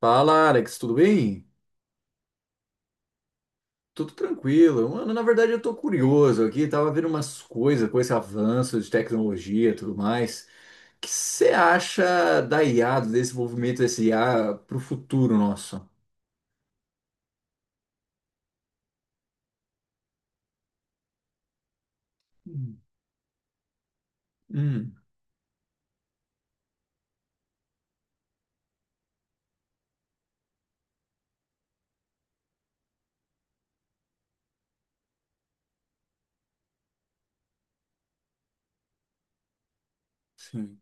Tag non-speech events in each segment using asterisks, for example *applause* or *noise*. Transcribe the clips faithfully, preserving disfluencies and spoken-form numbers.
Fala, Alex, tudo bem? Tudo tranquilo. Mano, na verdade eu tô curioso aqui, tava vendo umas coisas com esse avanço de tecnologia e tudo mais. O que você acha da I A, do desenvolvimento desse I A pro futuro nosso? Hum, hum, sim,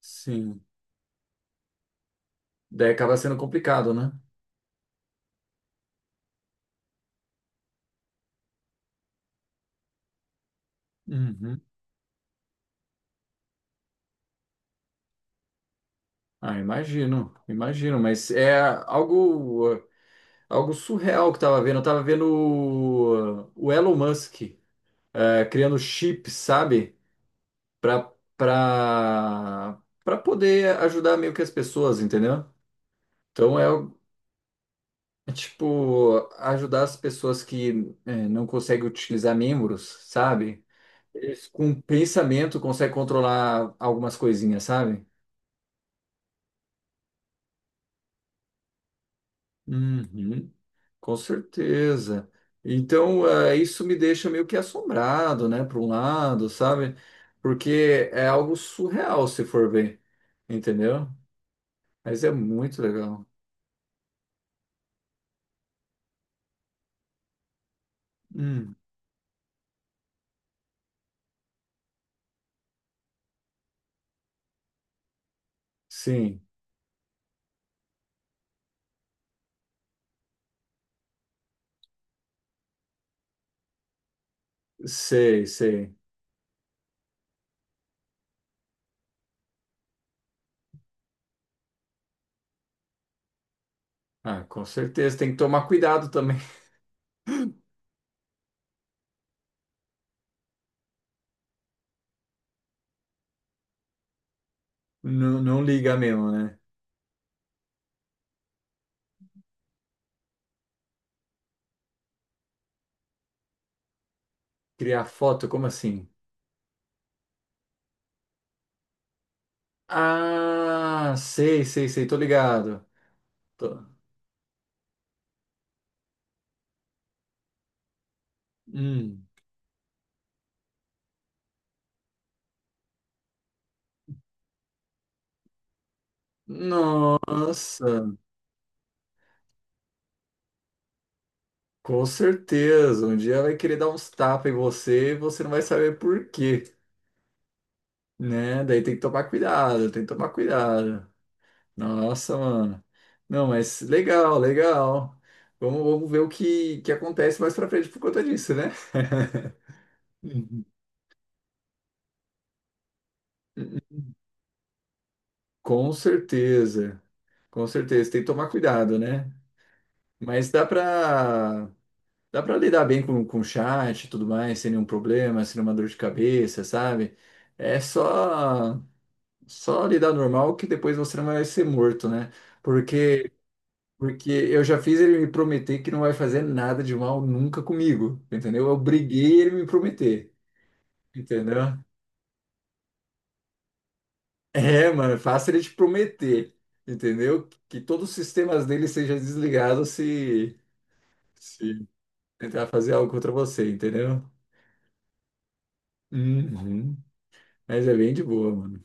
sim. Daí acaba sendo complicado, né? Uhum. Ah, imagino, imagino, mas é algo, algo surreal que eu tava vendo. Eu tava vendo o, o Elon Musk, eh, criando chips, sabe? para para para poder ajudar meio que as pessoas, entendeu? Então é, o- é tipo ajudar as pessoas que é, não conseguem utilizar membros, sabe? Eles com pensamento conseguem controlar algumas coisinhas, sabe? Uhum, com certeza. Então, é, isso me deixa meio que assombrado, né, por um lado, sabe? Porque é algo surreal se for ver, entendeu? Mas é muito legal. Hum, sim. Sei, sei. Ah, com certeza. Tem que tomar cuidado também. *laughs* Não, não liga mesmo, né? Criar foto, como assim? Ah, sei, sei, sei. Tô ligado. Tô- Hum. Nossa, com certeza. Um dia vai querer dar uns tapas em você e você não vai saber por quê, né? Daí tem que tomar cuidado, tem que tomar cuidado. Nossa, mano. Não, mas legal, legal. Vamos, vamos ver o que, que acontece mais pra frente por conta disso, né? *laughs* Com certeza, com certeza. Tem que tomar cuidado, né? Mas dá para dá para lidar bem com, com chat e tudo mais, sem nenhum problema, sem nenhuma dor de cabeça, sabe? É só só lidar normal que depois você não vai ser morto, né? Porque porque eu já fiz ele me prometer que não vai fazer nada de mal nunca comigo, entendeu? Eu briguei ele me prometer, entendeu? É, mano, é fácil ele te prometer, entendeu? Que todos os sistemas dele sejam desligados se, se tentar fazer algo contra você, entendeu? Uhum. Mas é bem de boa, mano.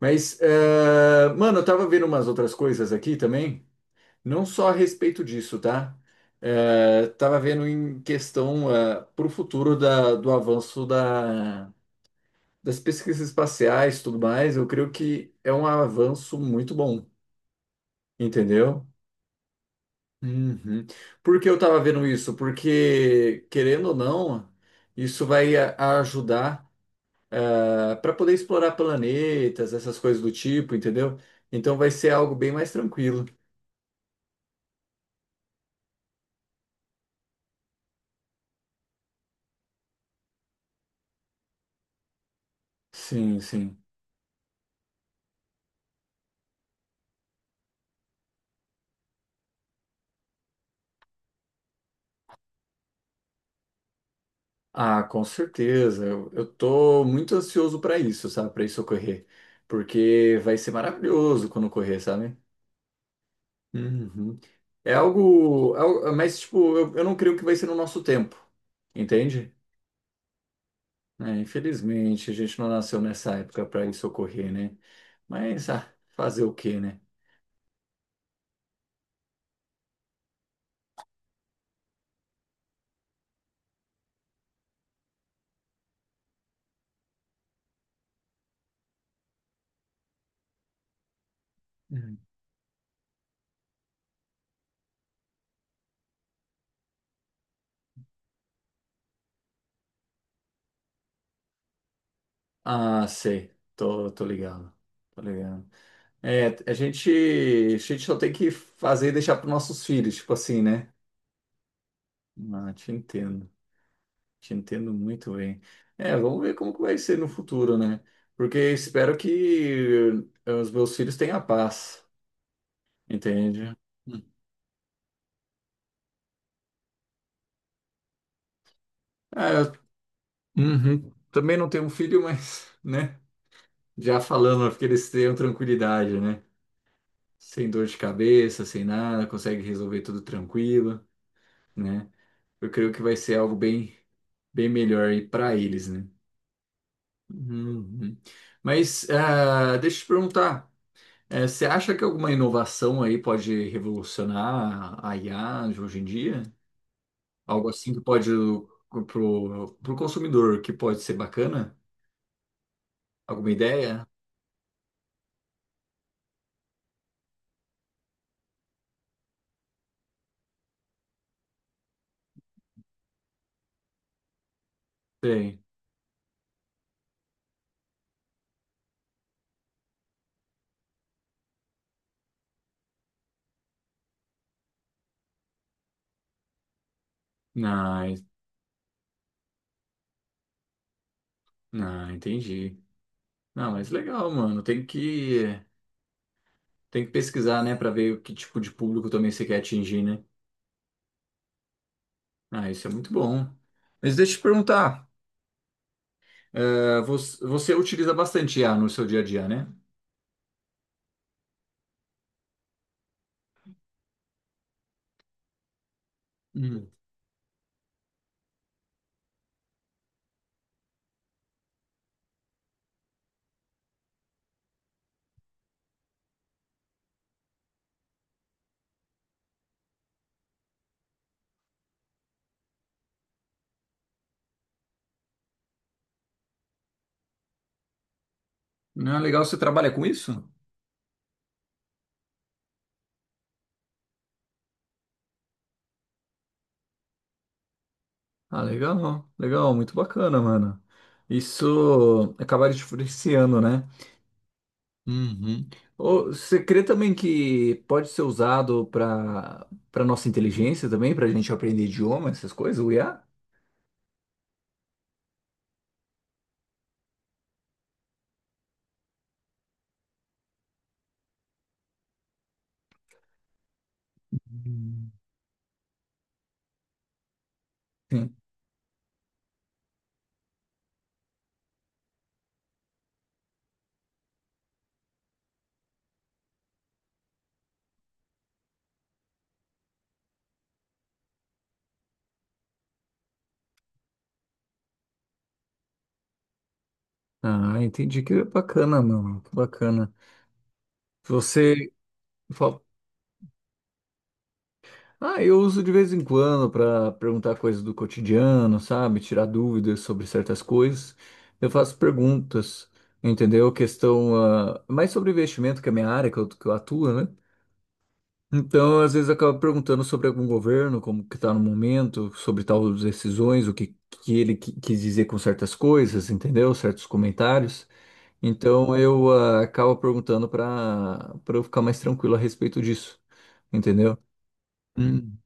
Mas, eh, mano, eu tava vendo umas outras coisas aqui também, não só a respeito disso, tá? Eh, tava vendo em questão, eh, pro futuro da, do avanço da, das pesquisas espaciais e tudo mais, eu creio que é um avanço muito bom, entendeu? Uhum. Por que eu estava vendo isso? Porque, querendo ou não, isso vai a- ajudar para poder explorar planetas, essas coisas do tipo, entendeu? Então vai ser algo bem mais tranquilo. Sim, sim. Ah, com certeza. Eu, eu tô muito ansioso para isso, sabe? Para isso ocorrer. Porque vai ser maravilhoso quando ocorrer, sabe? Uhum. É algo, é algo- mas, tipo, eu, eu não creio que vai ser no nosso tempo, entende? É, infelizmente, a gente não nasceu nessa época para isso ocorrer, né? Mas, ah, fazer o quê, né? Uhum. Ah, sei. Tô, tô ligado. Tô ligado. É, a gente, a gente só tem que fazer e deixar para nossos filhos, tipo assim, né? Ah, te entendo. Te entendo muito bem. É, vamos ver como que vai ser no futuro, né? Porque espero que eh, os meus filhos tenham paz, entende? Hum. Ah, eu, uhum. Também não tenho um filho, mas, né? Já falando, porque eles tenham tranquilidade, né? Sem dor de cabeça, sem nada, consegue resolver tudo tranquilo, né? Eu creio que vai ser algo bem, bem melhor aí para eles, né? Uhum. Mas ah, deixa eu te perguntar, eh, você acha que alguma inovação aí pode revolucionar a I A de hoje em dia? Algo assim que pode o- pro, pro consumidor que pode ser bacana? Alguma ideia? Tem. Ah, en- ah, entendi. Não, mas legal, mano. Tem que, tem que pesquisar, né, pra ver o que tipo de público também você quer atingir, né? Ah, isso é muito bom. Mas deixa eu te perguntar, eh, você, você utiliza bastante I A no seu dia a dia, né? Hum. Não é legal você trabalha com isso? Ah, legal, legal, muito bacana, mano. Isso acaba te influenciando, né? Uhum. Ô, você crê também que pode ser usado para para nossa inteligência também, para a gente aprender idioma, essas coisas, o I A? Hum. Ah, entendi. Que bacana, mano. Que bacana. Você fala, ah, eu uso de vez em quando para perguntar coisas do cotidiano, sabe? Tirar dúvidas sobre certas coisas. Eu faço perguntas, entendeu? Questão, ah, mais sobre investimento, que é a minha área, que eu, que eu atuo, né? Então, às vezes, eu acabo perguntando sobre algum governo, como que está no momento, sobre tal decisões, o que, que ele qui- quis dizer com certas coisas, entendeu? Certos comentários. Então eu ah, acabo perguntando para para eu ficar mais tranquilo a respeito disso, entendeu? Hum.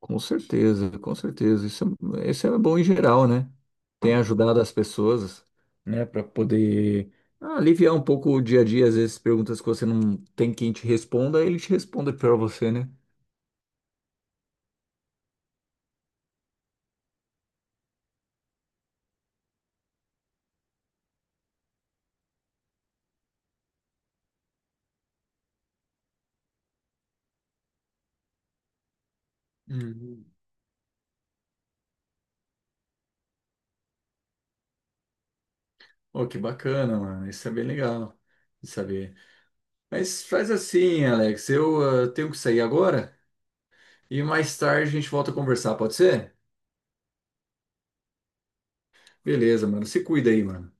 Com certeza, com certeza. Isso é, isso é bom em geral, né? Tem ajudado as pessoas, né, para poder aliviar um pouco o dia a dia, às vezes perguntas que você não tem quem te responda, ele te responde para você, né? Uhum. Oh, que bacana, mano. Isso é bem legal de saber. Mas faz assim, Alex. Eu ah, tenho que sair agora e mais tarde a gente volta a conversar, pode ser? Beleza, mano. Se cuida aí, mano.